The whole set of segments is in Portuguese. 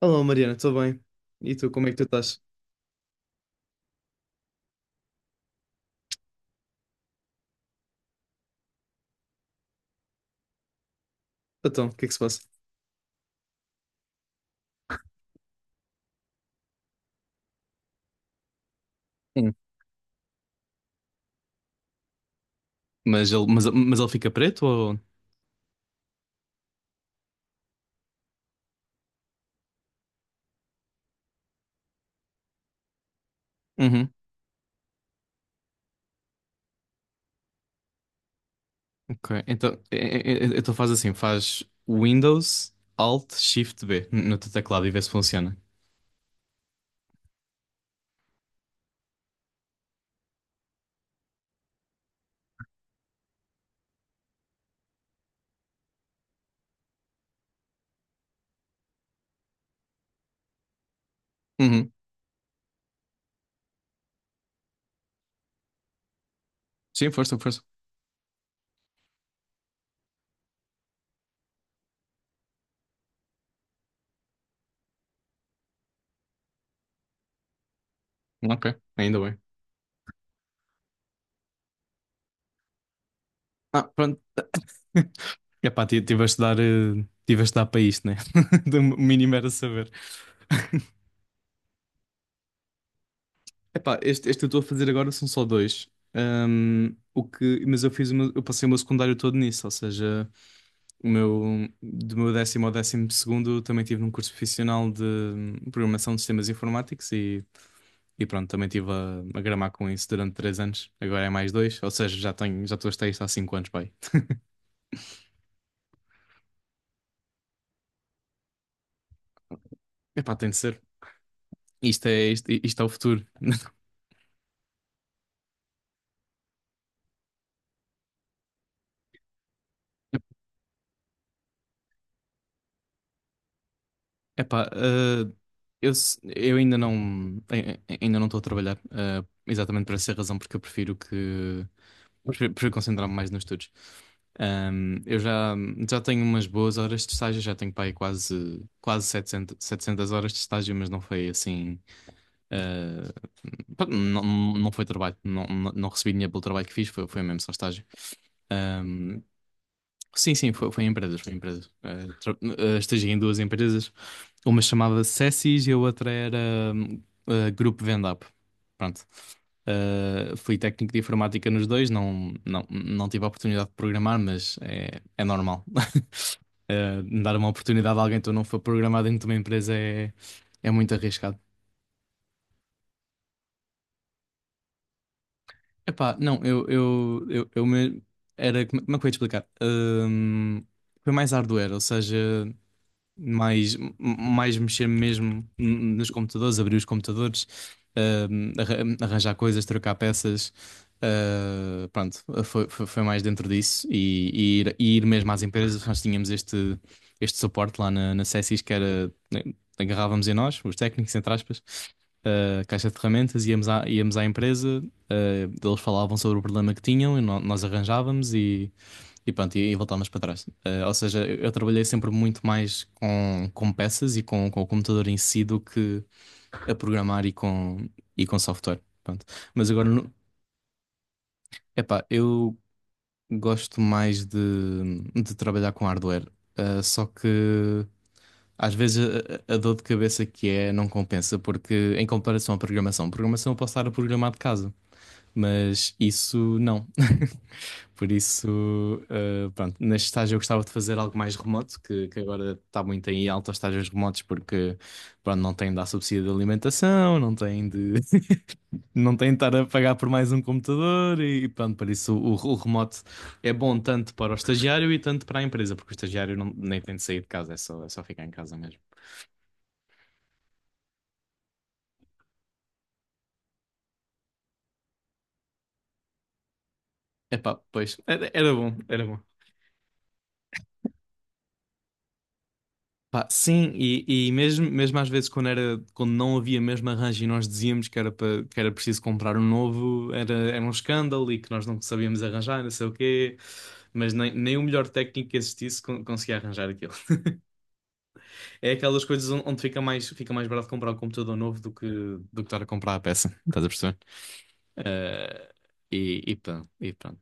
Olá Mariana, estou bem. E tu, como é que tu estás? Então, o que é que se passa? Sim. Mas ele, mas, ele fica preto ou? Uhum. Ok. Então, então faz assim, faz Windows Alt Shift B no teu teclado e vê se funciona. Uhum. Sim, força, força. Ok, ainda bem. Ah, pronto. Tive a estudar, tive a dar para isto, né? Do mínimo era saber. Epá, este eu estou a fazer agora são só dois. Mas eu fiz eu passei o meu secundário todo nisso, ou seja. Do meu décimo ao décimo segundo também tive num curso profissional de programação de sistemas informáticos e pronto, também estive a gramar com isso durante três anos. Agora é mais dois, ou seja, já estou a estar isto há cinco anos, pai. Epá, tem de ser. Isto é o futuro. Epá, eu, eu ainda não estou a trabalhar, exatamente por essa razão, porque eu prefiro que, prefiro concentrar-me mais nos estudos. Eu já, já tenho umas boas horas de estágio, já tenho para aí quase, quase 700 horas de estágio, mas não foi assim. eh, Pá, não, não foi trabalho, não, não recebi dinheiro pelo trabalho que fiz, foi, foi mesmo só estágio. Sim, sim, foi, foi em empresas, foi em empresas. Estagiei em duas empresas. Uma chamava Cessis e a outra era hum, Grupo Vendap. Pronto. Fui técnico de informática nos dois, não, não, não tive a oportunidade de programar, mas é, é normal. Dar uma oportunidade a alguém que não for programado dentro de uma empresa é, é muito arriscado. Epá, não, era, como é que eu ia te explicar? Foi mais hardware, ou seja. Mais, mais mexer mesmo nos computadores, abrir os computadores, ahm, arra- arranjar coisas, trocar peças. Ah, pronto, foi, foi mais dentro disso e ir mesmo às empresas. Nós tínhamos este suporte lá na Cessis que era, né, agarrávamos em nós, os técnicos, entre aspas, a caixa de ferramentas, íamos à empresa, ah, eles falavam sobre o problema que tinham e nós arranjávamos e pronto, e voltámos para trás. Ou seja, eu trabalhei sempre muito mais com peças e com o computador em si do que a programar e com software. Pronto. Mas agora, no- Epá, eu gosto mais de trabalhar com hardware. Só que às vezes a dor de cabeça que é não compensa, porque em comparação à programação, programação eu posso estar a programar de casa. Mas isso não. Por isso, pronto, neste estágio eu gostava de fazer algo mais remoto, que agora está muito em alta os estágios remotos, porque pronto, não tem de dar subsídio de alimentação, não tem de, não tem de estar a pagar por mais um computador e pronto, por isso o remoto é bom tanto para o estagiário e tanto para a empresa, porque o estagiário nem tem de sair de casa, é só ficar em casa mesmo. Epá, pois, era, era bom, era bom. Pá, sim, e mesmo, mesmo às vezes quando não havia mesmo arranjo e nós dizíamos que era preciso comprar um novo, era, era um escândalo e que nós não sabíamos arranjar, não sei o quê, mas nem, nem o melhor técnico que existisse conseguia arranjar aquilo. É aquelas coisas onde fica mais barato comprar um computador novo do que estar a comprar a peça, estás a perceber? Eh, e pronto, e pronto.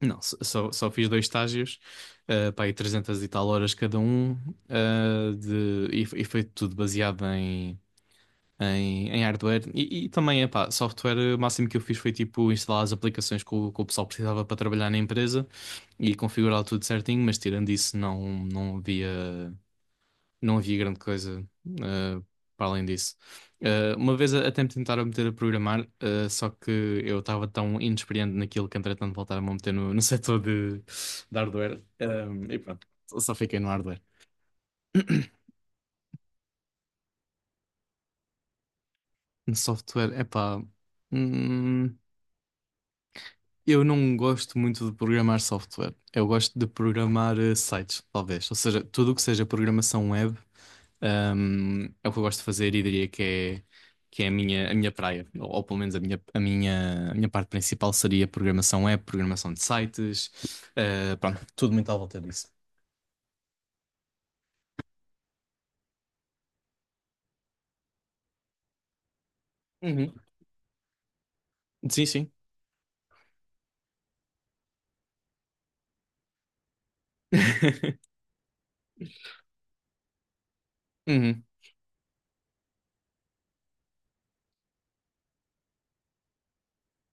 Não, só, só fiz dois estágios, pá, aí 300 e tal horas cada um, ah, de, e foi tudo baseado em, em, em hardware e também, epá, software, o máximo que eu fiz foi tipo instalar as aplicações que que o pessoal precisava para trabalhar na empresa e configurar tudo certinho, mas tirando isso não, não havia grande coisa eh, para além disso. Até me tentaram meter a programar, só que eu estava tão inexperiente naquilo que entretanto voltaram-me a meter no setor de hardware. E pronto, só fiquei no hardware. No software, é pá. Eu não gosto muito de programar software. Eu gosto de programar sites, talvez. Ou seja, tudo o que seja programação web, é o que eu gosto de fazer e diria que é a minha praia. Ou pelo menos a minha parte principal seria programação web, programação de sites, pronto, tudo muito à volta disso. Uhum. Sim, sim.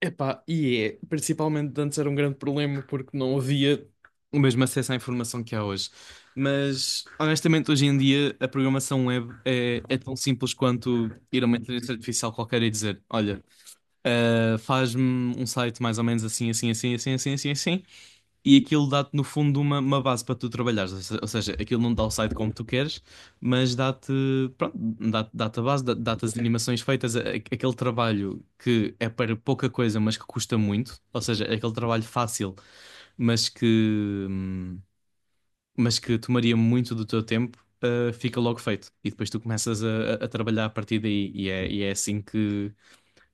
Epá, e é, principalmente antes era um grande problema porque não havia o mesmo acesso à informação que há hoje. Mas honestamente, hoje em dia a programação web é, é tão simples quanto ir a uma inteligência artificial qualquer e dizer: Olha, faz-me um site mais ou menos assim, assim, assim, assim, assim, assim, assim e aquilo dá-te no fundo uma base para tu trabalhares, ou seja, aquilo não dá o site como tu queres, mas dá-te, pronto, dá-te a base, dá-te as animações feitas, aquele trabalho que é para pouca coisa, mas que custa muito, ou seja, é aquele trabalho fácil, mas que, hum, mas que tomaria muito do teu tempo. Fica logo feito e depois tu começas a trabalhar a partir daí e é assim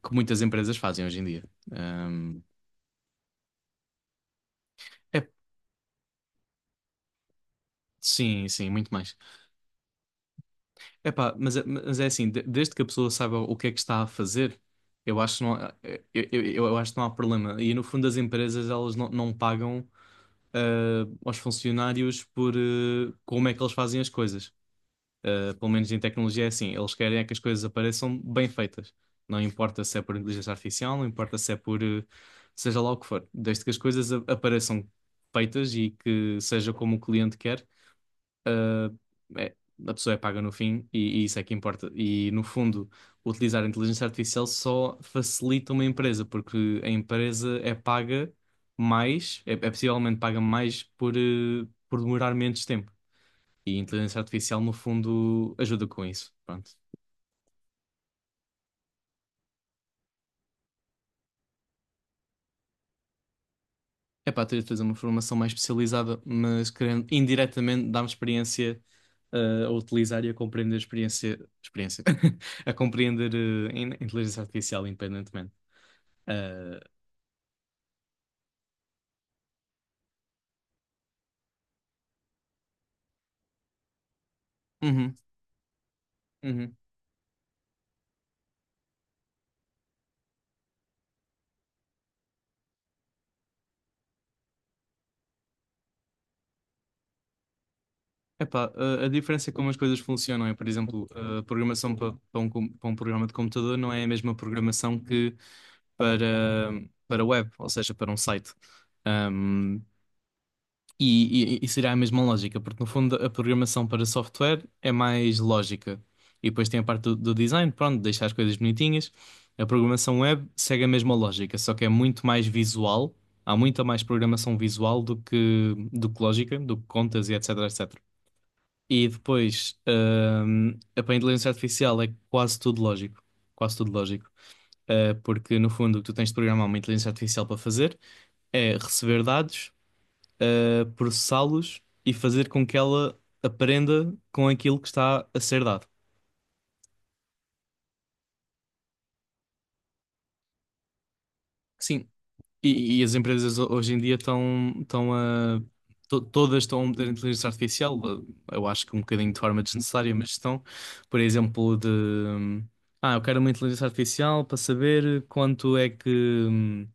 que muitas empresas fazem hoje em dia. Hum, É, sim, sim, muito mais. Epá, mas é assim, desde que a pessoa saiba o que é que está a fazer, eu acho que não, eu acho que não há problema. E no fundo as empresas elas não, não pagam aos funcionários por como é que eles fazem as coisas. Ah, pelo menos em tecnologia é assim, eles querem é que as coisas apareçam bem feitas. Não importa se é por inteligência artificial, não importa se é por seja lá o que for. Desde que as coisas apareçam feitas e que seja como o cliente quer, ah, é, a pessoa é paga no fim e isso é que importa. E no fundo, utilizar a inteligência artificial só facilita uma empresa, porque a empresa é paga mais, é possivelmente paga mais por, por demorar menos tempo. E a inteligência artificial, no fundo, ajuda com isso. Pronto. É para ter de fazer uma formação mais especializada, mas querendo indiretamente dar-me experiência a utilizar e a compreender a experiência, experiência a compreender inteligência artificial independentemente. Ah, uhum, uhum. Epá, a diferença é como as coisas funcionam é, por exemplo, a programação para um programa de computador não é a mesma programação que para, para web, ou seja, para um site. E seria a mesma lógica, porque no fundo a programação para software é mais lógica. E depois tem a parte do design, pronto, deixar as coisas bonitinhas. A programação web segue a mesma lógica, só que é muito mais visual. Há muita mais programação visual do que lógica, do que contas e etc, etc. E depois, a para a inteligência artificial é quase tudo lógico. Quase tudo lógico. Porque no fundo o que tu tens de programar uma inteligência artificial para fazer é receber dados a processá-los e fazer com que ela aprenda com aquilo que está a ser dado. Sim, e as empresas hoje em dia estão, estão a. Todas estão a meter inteligência artificial, eu acho que um bocadinho de forma desnecessária, mas estão, por exemplo, de. Ah, eu quero uma inteligência artificial para saber quanto é que. hum,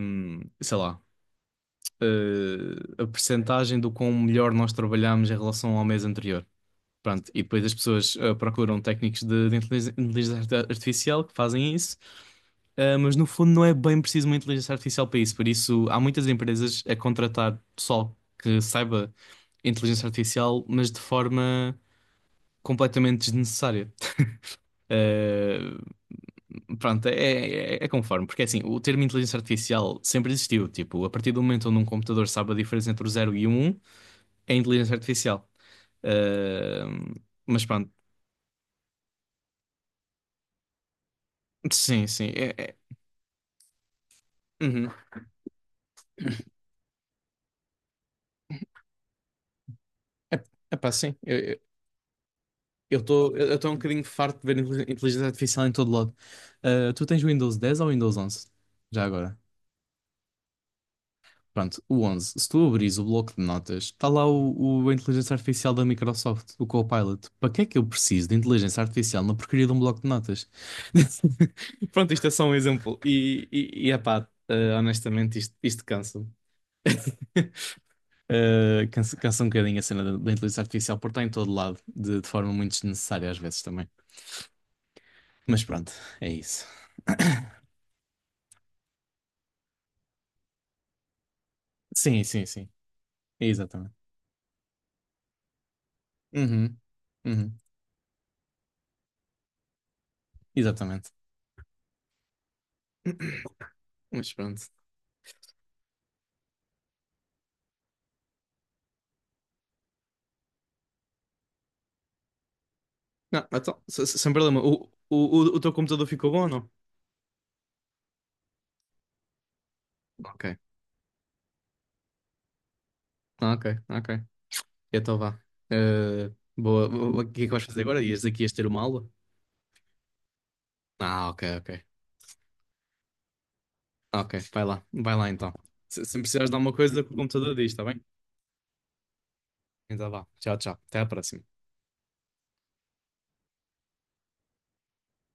sei lá. A percentagem do quão melhor nós trabalhamos em relação ao mês anterior. Pronto, e depois as pessoas procuram técnicos de, inteligência artificial que fazem isso, ah, mas no fundo não é bem preciso uma inteligência artificial para isso. Por isso, há muitas empresas a contratar pessoal que saiba inteligência artificial, mas de forma completamente desnecessária. Ah, pronto, é, é conforme, porque é assim, o termo inteligência artificial sempre existiu. Tipo, a partir do momento onde um computador sabe a diferença entre o 0 e o 1, é inteligência artificial. Ah, mas pronto, sim, sim. Uhum. É, epá, sim, eu estou um bocadinho farto de ver inteligência artificial em todo lado. Ah, tu tens o Windows 10 ou o Windows 11? Já agora. Pronto, o 11. Se tu abris o bloco de notas, está lá a inteligência artificial da Microsoft, o Copilot. Para que é que eu preciso de inteligência artificial na porcaria de um bloco de notas? Pronto, isto é só um exemplo. Epá, ah, honestamente, isto cansa-me. Ah, cansa, cansa um bocadinho a cena da inteligência artificial, porque está em todo lado, de forma muito desnecessária às vezes também. Mas pronto, é isso. Sim, sim, sim. É exatamente. Uhum, uhum, exatamente. Mas pronto. Não, então, sem problema. O teu computador ficou bom ou não? Ok, ok, ok. Então vá. Eh, Boa. O que é que vais fazer agora? Ias daqui ias ter uma aula? Ah, ok, ok. Ok, vai lá. Vai lá então. Se precisares de alguma coisa, o computador diz, está bem? Então vá. Tchau, tchau. Até à próxima.